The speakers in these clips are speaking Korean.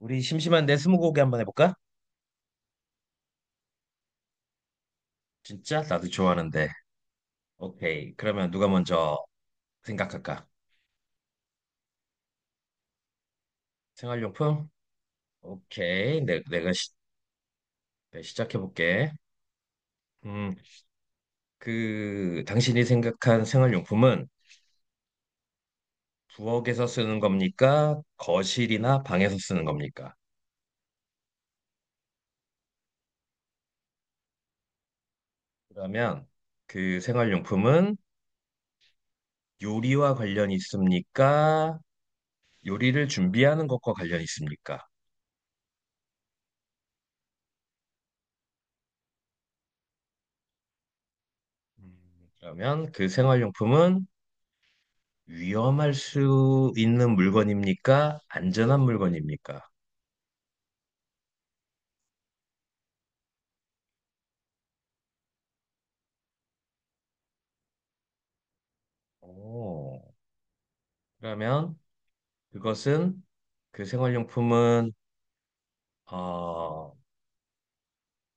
우리 심심한 내 스무고개 한번 해볼까? 진짜? 나도 좋아하는데. 오케이. 그러면 누가 먼저 생각할까? 생활용품? 오케이. 내가 작해볼게. 음, 당신이 생각한 생활용품은 부엌에서 쓰는 겁니까, 거실이나 방에서 쓰는 겁니까? 그러면 그 생활용품은 요리와 관련이 있습니까? 요리를 준비하는 것과 관련이 있습니까? 그러면 그 생활용품은 위험할 수 있는 물건입니까, 안전한 물건입니까? 오, 그러면 그것은, 그 생활용품은, 어,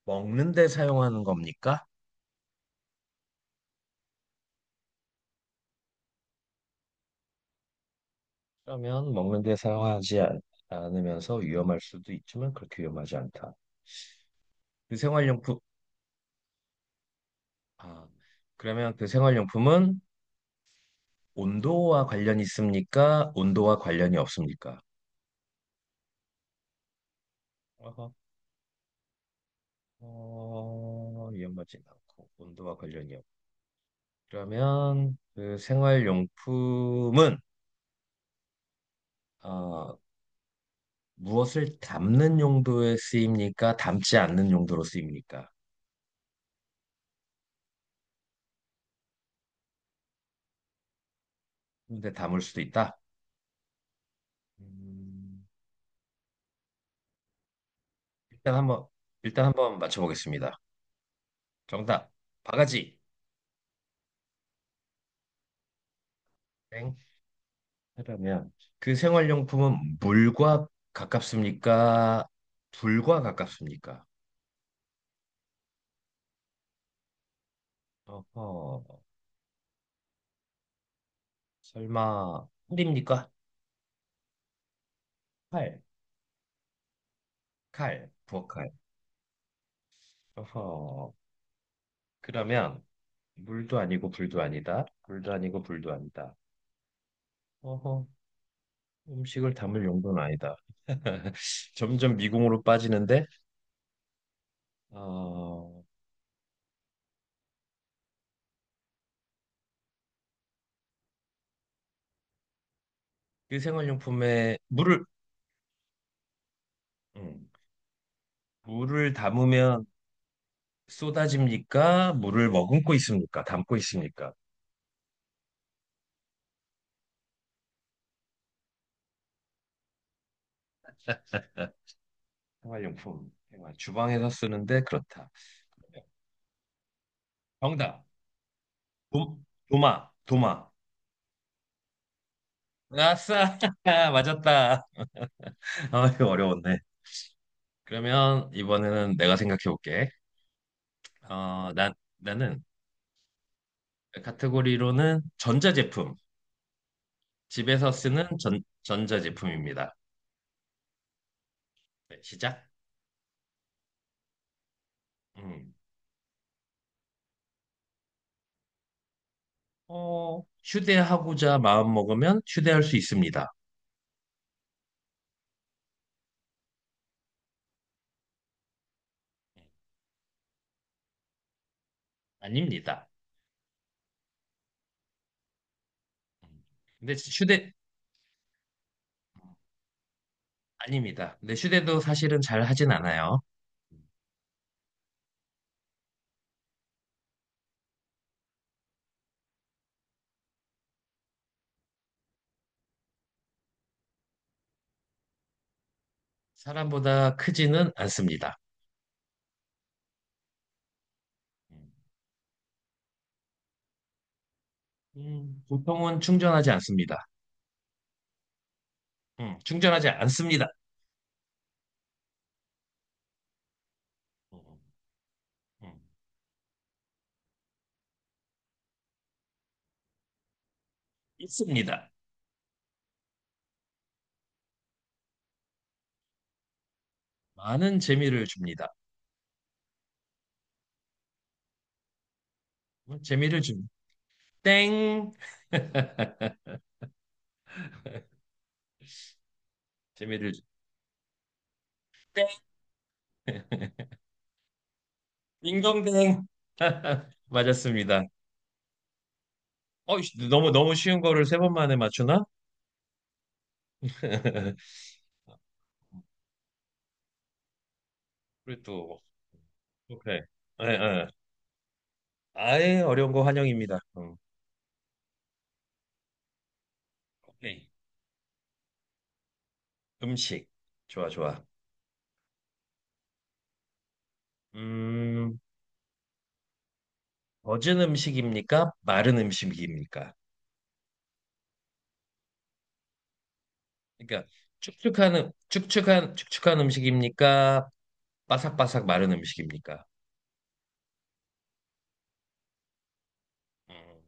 먹는 데 사용하는 겁니까? 그러면 먹는 데 사용하지 않, 않으면서 위험할 수도 있지만 그렇게 위험하지 않다. 그 생활용품. 아, 그러면 그 생활용품은 온도와 관련이 있습니까, 온도와 관련이 없습니까? 어허. 어, 위험하지 않고 온도와 관련이 없. 그러면 그 생활용품은, 어, 무엇을 담는 용도에 쓰입니까, 담지 않는 용도로 쓰입니까? 근데 담을 수도 있다. 음, 일단 한번, 일단 한번 맞춰보겠습니다. 정답 바가지. 땡. 그러면 그 생활용품은 물과 가깝습니까, 불과 가깝습니까? 어허, 설마 칼입니까? 칼, 부엌칼. 어허. 그러면 물도 아니고 불도 아니다. 물도 아니고 불도 아니다. 어허, 음식을 담을 용도는 아니다. 점점 미궁으로 빠지는데, 어, 그 생활용품에 물을, 음, 물을 담으면 쏟아집니까? 물을 머금고 있습니까? 담고 있습니까? 생활용품. 생활. 주방에서 쓰는데 그렇다. 정답. 도, 도마, 도마. 아싸! 맞았다. 아, 이거 어려웠네. 그러면 이번에는 내가 생각해 볼게. 어, 나는 카테고리로는 전자제품. 집에서 쓰는 전자제품입니다. 네, 시작. 음. 어, 휴대하고자 마음먹으면 휴대할 수 있습니다. 음, 아닙니다. 음. 근데 휴대, 아닙니다. 근데 휴대도 사실은 잘 하진 않아요. 음, 사람보다 크지는 않습니다. 음, 보통은 충전하지 않습니다. 충전하지 않습니다. 음. 음. 있습니다. 많은 재미를 줍니다. 재미를 줍 땡. 재미를 주- 땡. 딩동댕. 맞았습니다. 어, 이씨, 너무 너무 쉬운 거를 세 번 만에 맞추나? 그리고 또 오케이. 에, 에. 아예 어려운 거 환영입니다. 음. 오케이. 음식. 좋아, 좋아. 음, 젖은 음식입니까, 마른 음식입니까? 그러니까 축축한 음식입니까? 바삭바삭 마른 음식입니까? 음.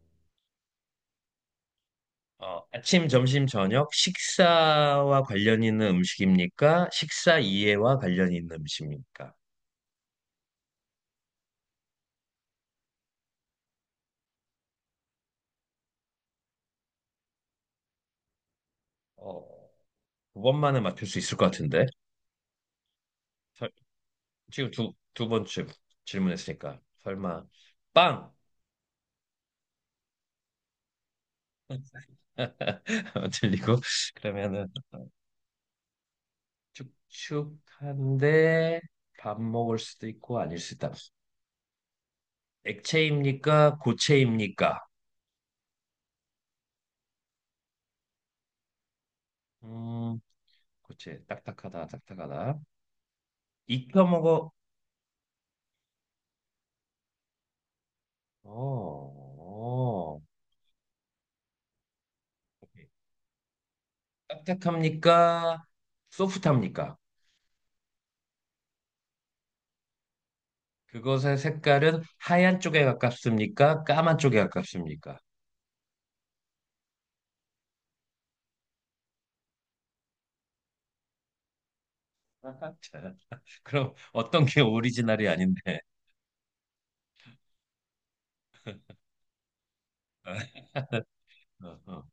어, 아침, 점심, 저녁 식사와 관련 있는 음식입니까? 식사 이해와 관련 있는 음식입니까? 어, 두 번만에 맞출 수 있을 것 같은데. 설-, 지금 두 번쯤 질문했으니까 설마 빵! 들리고 그러면은 축축한데 밥 먹을 수도 있고 아닐 수도 있다. 액체입니까, 고체입니까? 음, 고체. 딱딱하다, 딱딱하다. 익혀 먹어. 어, 어. 딱딱합니까? 소프트합니까? 그것의 색깔은 하얀 쪽에 가깝습니까, 까만 쪽에 가깝습니까? 아하, 자, 그럼 어떤 게 오리지널이 아닌데? 어, 어.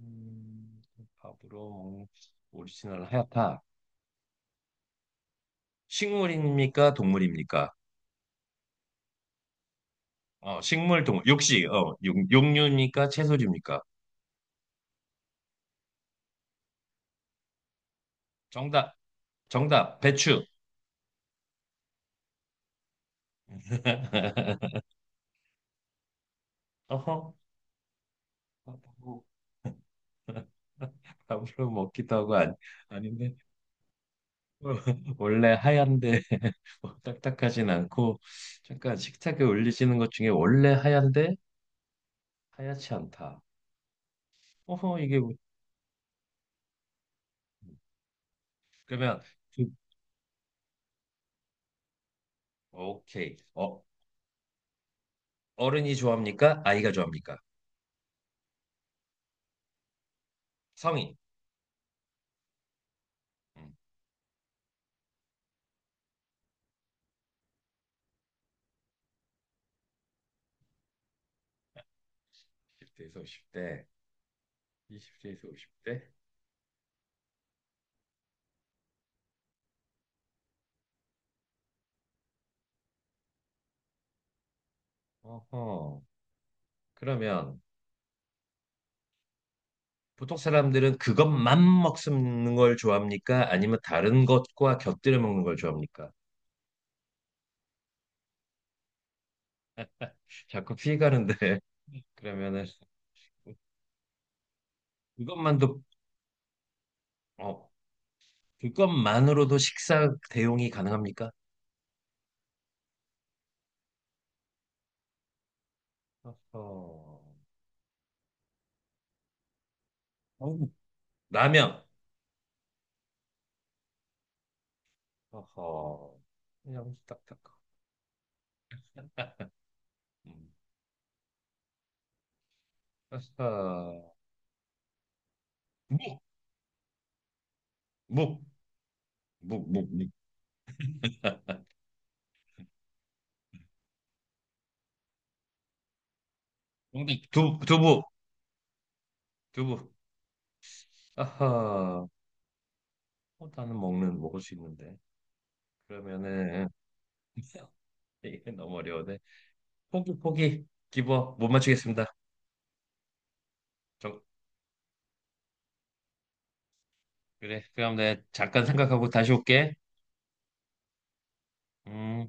음, 밥으로 먹- 오리지널 하얗다. 식물입니까, 동물입니까? 어, 식물, 동물. 육식, 어, 육, 육류입니까, 채소입니까? 정답, 정답, 배추. 어허. 밥으로 먹기도 하고 아니, 아닌데 원래 하얀데 뭐 딱딱하진 않고 잠깐 식탁에 올리시는 것 중에 원래 하얀데 하얗지 않다. 어허. 그러면 그, 오케이. 어, 어른이 좋아합니까, 아이가 좋아합니까? 성인. 음, 0대에서 50대. 20대에서 50대. 어허. 그러면 보통 사람들은 그것만 먹는 걸 좋아합니까? 아니면 다른 것과 곁들여 먹는 걸 좋아합니까? 자꾸 피해가는데 그러면은 그것만도, 어, 그것만으로도 식사 대용이 가능합니까? 어허. 어우, 라면. 어허. 그냥 딱딱. 음. 어허. 묵, 묵, 묵, 묵, 묵. 묵. 두부, 두부. 아하. 어, 나는 먹는 먹을 수 있는데. 그러면은 이게 너무 어려운데. 포기, 포기. 기버 못 맞추겠습니다. 정, 그래. 그럼 내가 잠깐 생각하고 다시 올게. 음.